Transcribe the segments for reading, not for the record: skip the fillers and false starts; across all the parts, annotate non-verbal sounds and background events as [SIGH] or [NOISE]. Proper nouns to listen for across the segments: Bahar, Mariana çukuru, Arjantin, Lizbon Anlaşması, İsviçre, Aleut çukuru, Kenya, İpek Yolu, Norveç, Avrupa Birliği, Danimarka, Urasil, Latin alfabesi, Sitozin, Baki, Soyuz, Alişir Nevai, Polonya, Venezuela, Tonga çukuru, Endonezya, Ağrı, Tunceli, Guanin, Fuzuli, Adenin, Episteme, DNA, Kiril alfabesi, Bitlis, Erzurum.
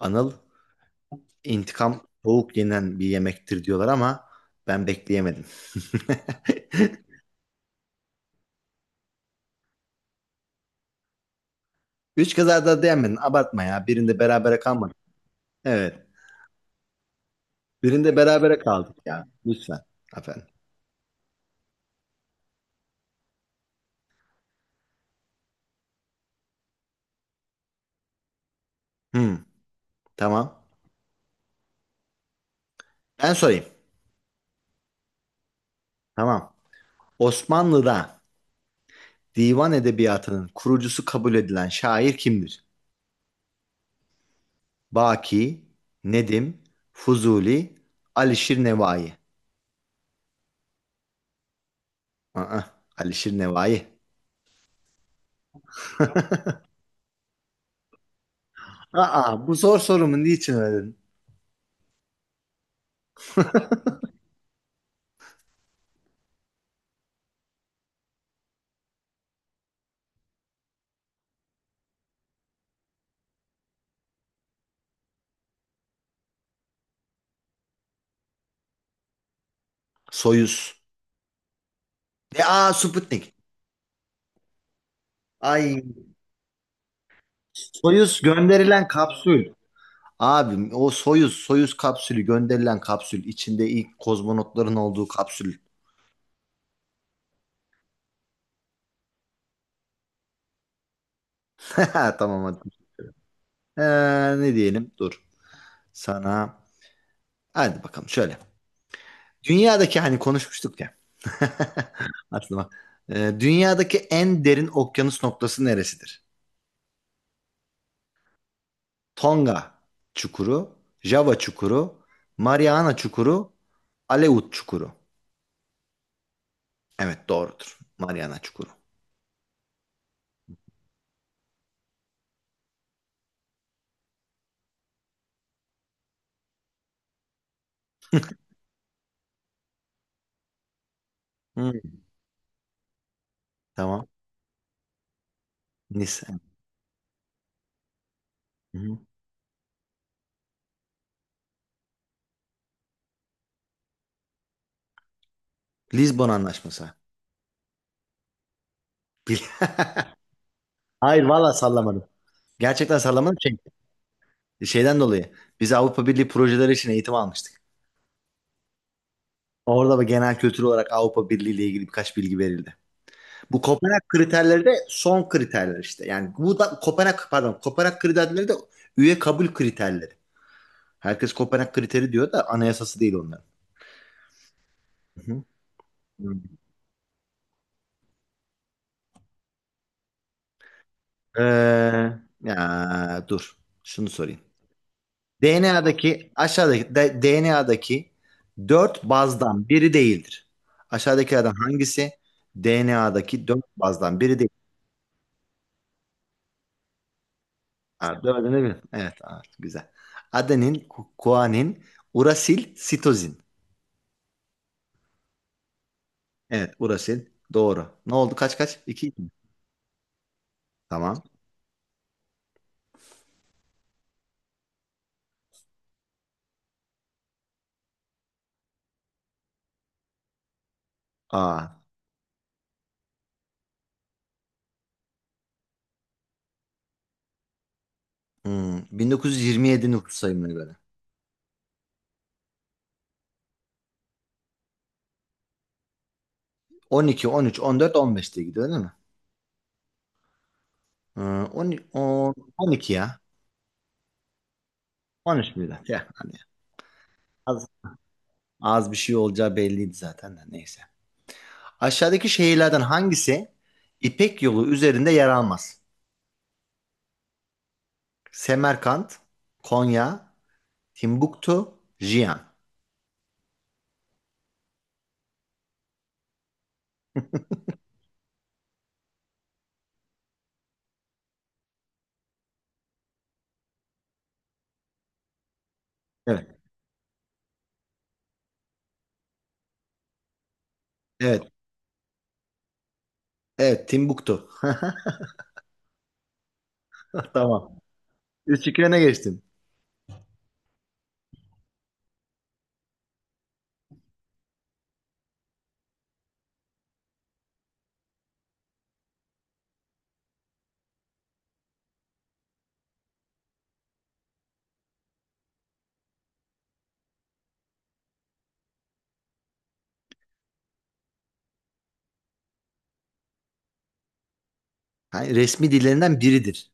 Anıl, intikam soğuk yenen bir yemektir diyorlar ama ben bekleyemedim. [LAUGHS] Üç kazada dayanmadın. Abartma ya. Birinde berabere kalmadık. Evet. Birinde berabere kaldık ya. Lütfen. Efendim. Hmm, tamam. Ben sorayım. Tamam. Osmanlı'da divan edebiyatının kurucusu kabul edilen şair kimdir? Baki, Nedim, Fuzuli, Alişir Nevai. Aa, Alişir Nevai. Bu zor sorumu niçin öyle Soyuz. Ve Sputnik. Ay Soyuz gönderilen kapsül. Abim o Soyuz kapsülü gönderilen kapsül içinde ilk kozmonotların olduğu kapsül. [LAUGHS] Tamam hadi. Ne diyelim? Dur. Sana hadi bakalım şöyle. Dünyadaki hani konuşmuştuk ya. [LAUGHS] Aklıma. Dünyadaki en derin okyanus noktası neresidir? Tonga çukuru, Java çukuru, Mariana çukuru, Aleut çukuru. Evet, doğrudur. Mariana çukuru. Hı, tamam. Nice. Hı hı. Lizbon Anlaşması. Bil- [LAUGHS] Hayır, valla sallamadım. Gerçekten sallamadım. Şey, şeyden dolayı. Biz Avrupa Birliği projeleri için eğitim almıştık. Orada da genel kültür olarak Avrupa Birliği ile ilgili birkaç bilgi verildi. Bu Kopenhag kriterleri de son kriterler işte. Yani bu da Kopenhag, pardon, Kopenhag kriterleri de üye kabul kriterleri. Herkes Kopenhag kriteri diyor da anayasası değil onların. Hı hı. Hı. Ee, ya dur. Şunu sorayım. DNA'daki aşağıdaki DNA'daki dört bazdan biri değildir. Aşağıdakilerden hangisi DNA'daki dört bazdan biri değil? Ha, dördünü bil. Evet, ha, güzel. Adenin, kuanin, urasil, sitozin. Evet, urasil. Doğru. Ne oldu? Kaç kaç? İki. İki mi? Tamam. Aa, hmm, 1927 nüfus sayımına göre. 12, 13, 14, 15 diye gidiyor değil mi? 10, 10, 12 ya. 13 müydü? Ya, hadi. Ya. Az bir şey olacağı belliydi zaten de neyse. Aşağıdaki şehirlerden hangisi İpek Yolu üzerinde yer almaz? Semerkant, Konya, Timbuktu, Jiyan. Evet, evet, evet, Timbuktu. [LAUGHS] Tamam. 3-2 öne geçtim. Ha, resmi dillerinden biridir.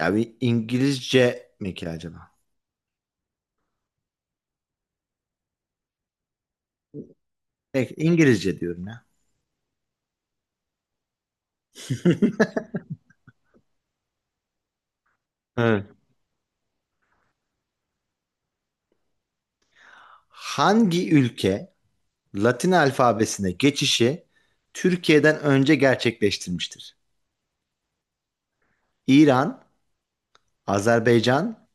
Ya bir İngilizce mi ki acaba? Peki, İngilizce diyorum ya. [LAUGHS] Evet. Hangi ülke Latin alfabesine geçişi Türkiye'den önce gerçekleştirmiştir? İran, Azerbaycan,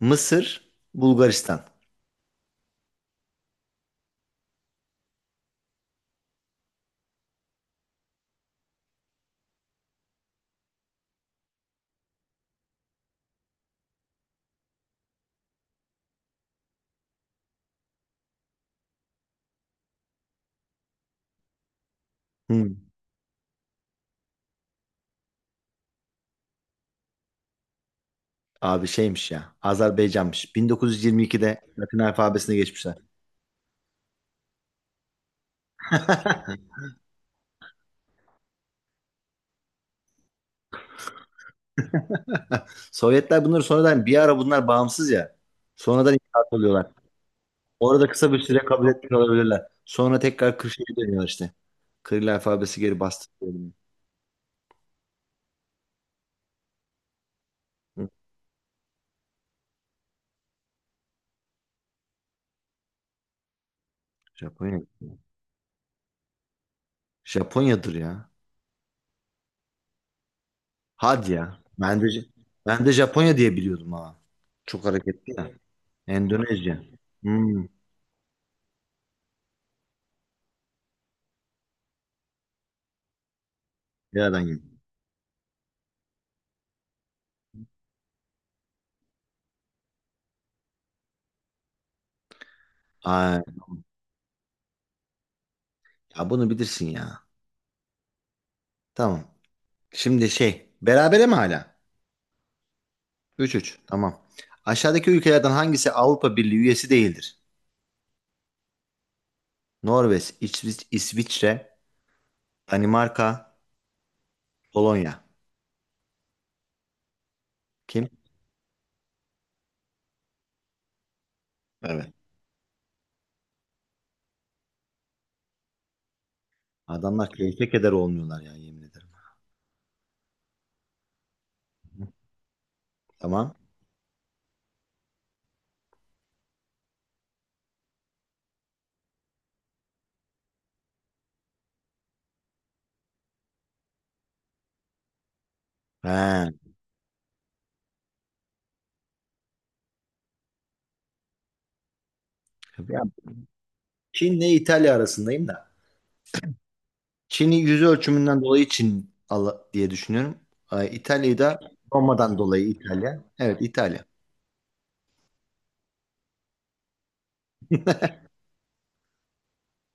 Mısır, Bulgaristan. Hmm. Abi şeymiş ya. Azerbaycanmış. 1922'de Latin alfabesine geçmişler. [LAUGHS] Sovyetler bunları sonradan bir ara bunlar bağımsız ya. Sonradan inkılap oluyorlar. Orada kısa bir süre kabul etmiş olabilirler. Sonra tekrar Kırşehir'e dönüyorlar işte. Kiril alfabesi geri bastı. Hı, Japonya. Japonya'dır ya. Hadi ya. Ben de Japonya diye biliyordum, ha. Çok hareketli ya. Endonezya. Hmm. Nereden geldi? Ya bunu bilirsin ya. Tamam. Şimdi şey, berabere mi hala? 3-3. Tamam. Aşağıdaki ülkelerden hangisi Avrupa Birliği üyesi değildir? Norveç, İsviçre, Danimarka, Polonya. Kim? Evet. Adamlar keyfe keder olmuyorlar ya, yemin ederim. Tamam. He. Ya, Çin'le İtalya arasındayım da. Çin'i yüz ölçümünden dolayı diye düşünüyorum. Ay, İtalya'yı da Roma'dan dolayı İtalya. Evet, İtalya.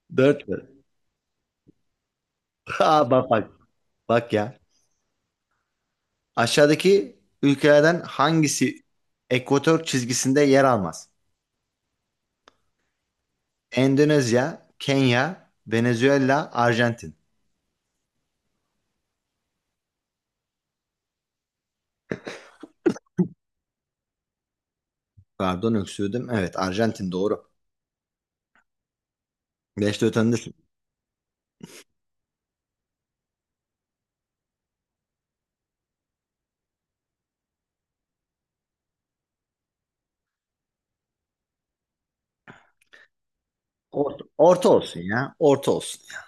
Dört. [LAUGHS] Bak bak. Bak ya. Aşağıdaki ülkelerden hangisi ekvator çizgisinde yer almaz? Endonezya, Kenya, Venezuela, Arjantin. Pardon, öksürdüm. Evet, Arjantin doğru. Beşte ötendesin. Orta, orta olsun ya. Orta olsun. Ya.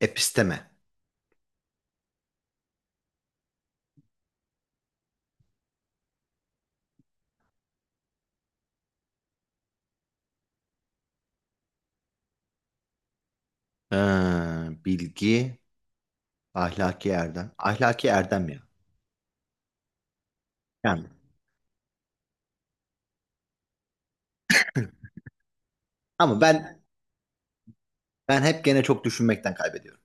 Episteme. Ee, bilgi, ahlaki erdem. Ahlaki erdem ya. Yani. Ama ben hep gene çok düşünmekten kaybediyorum.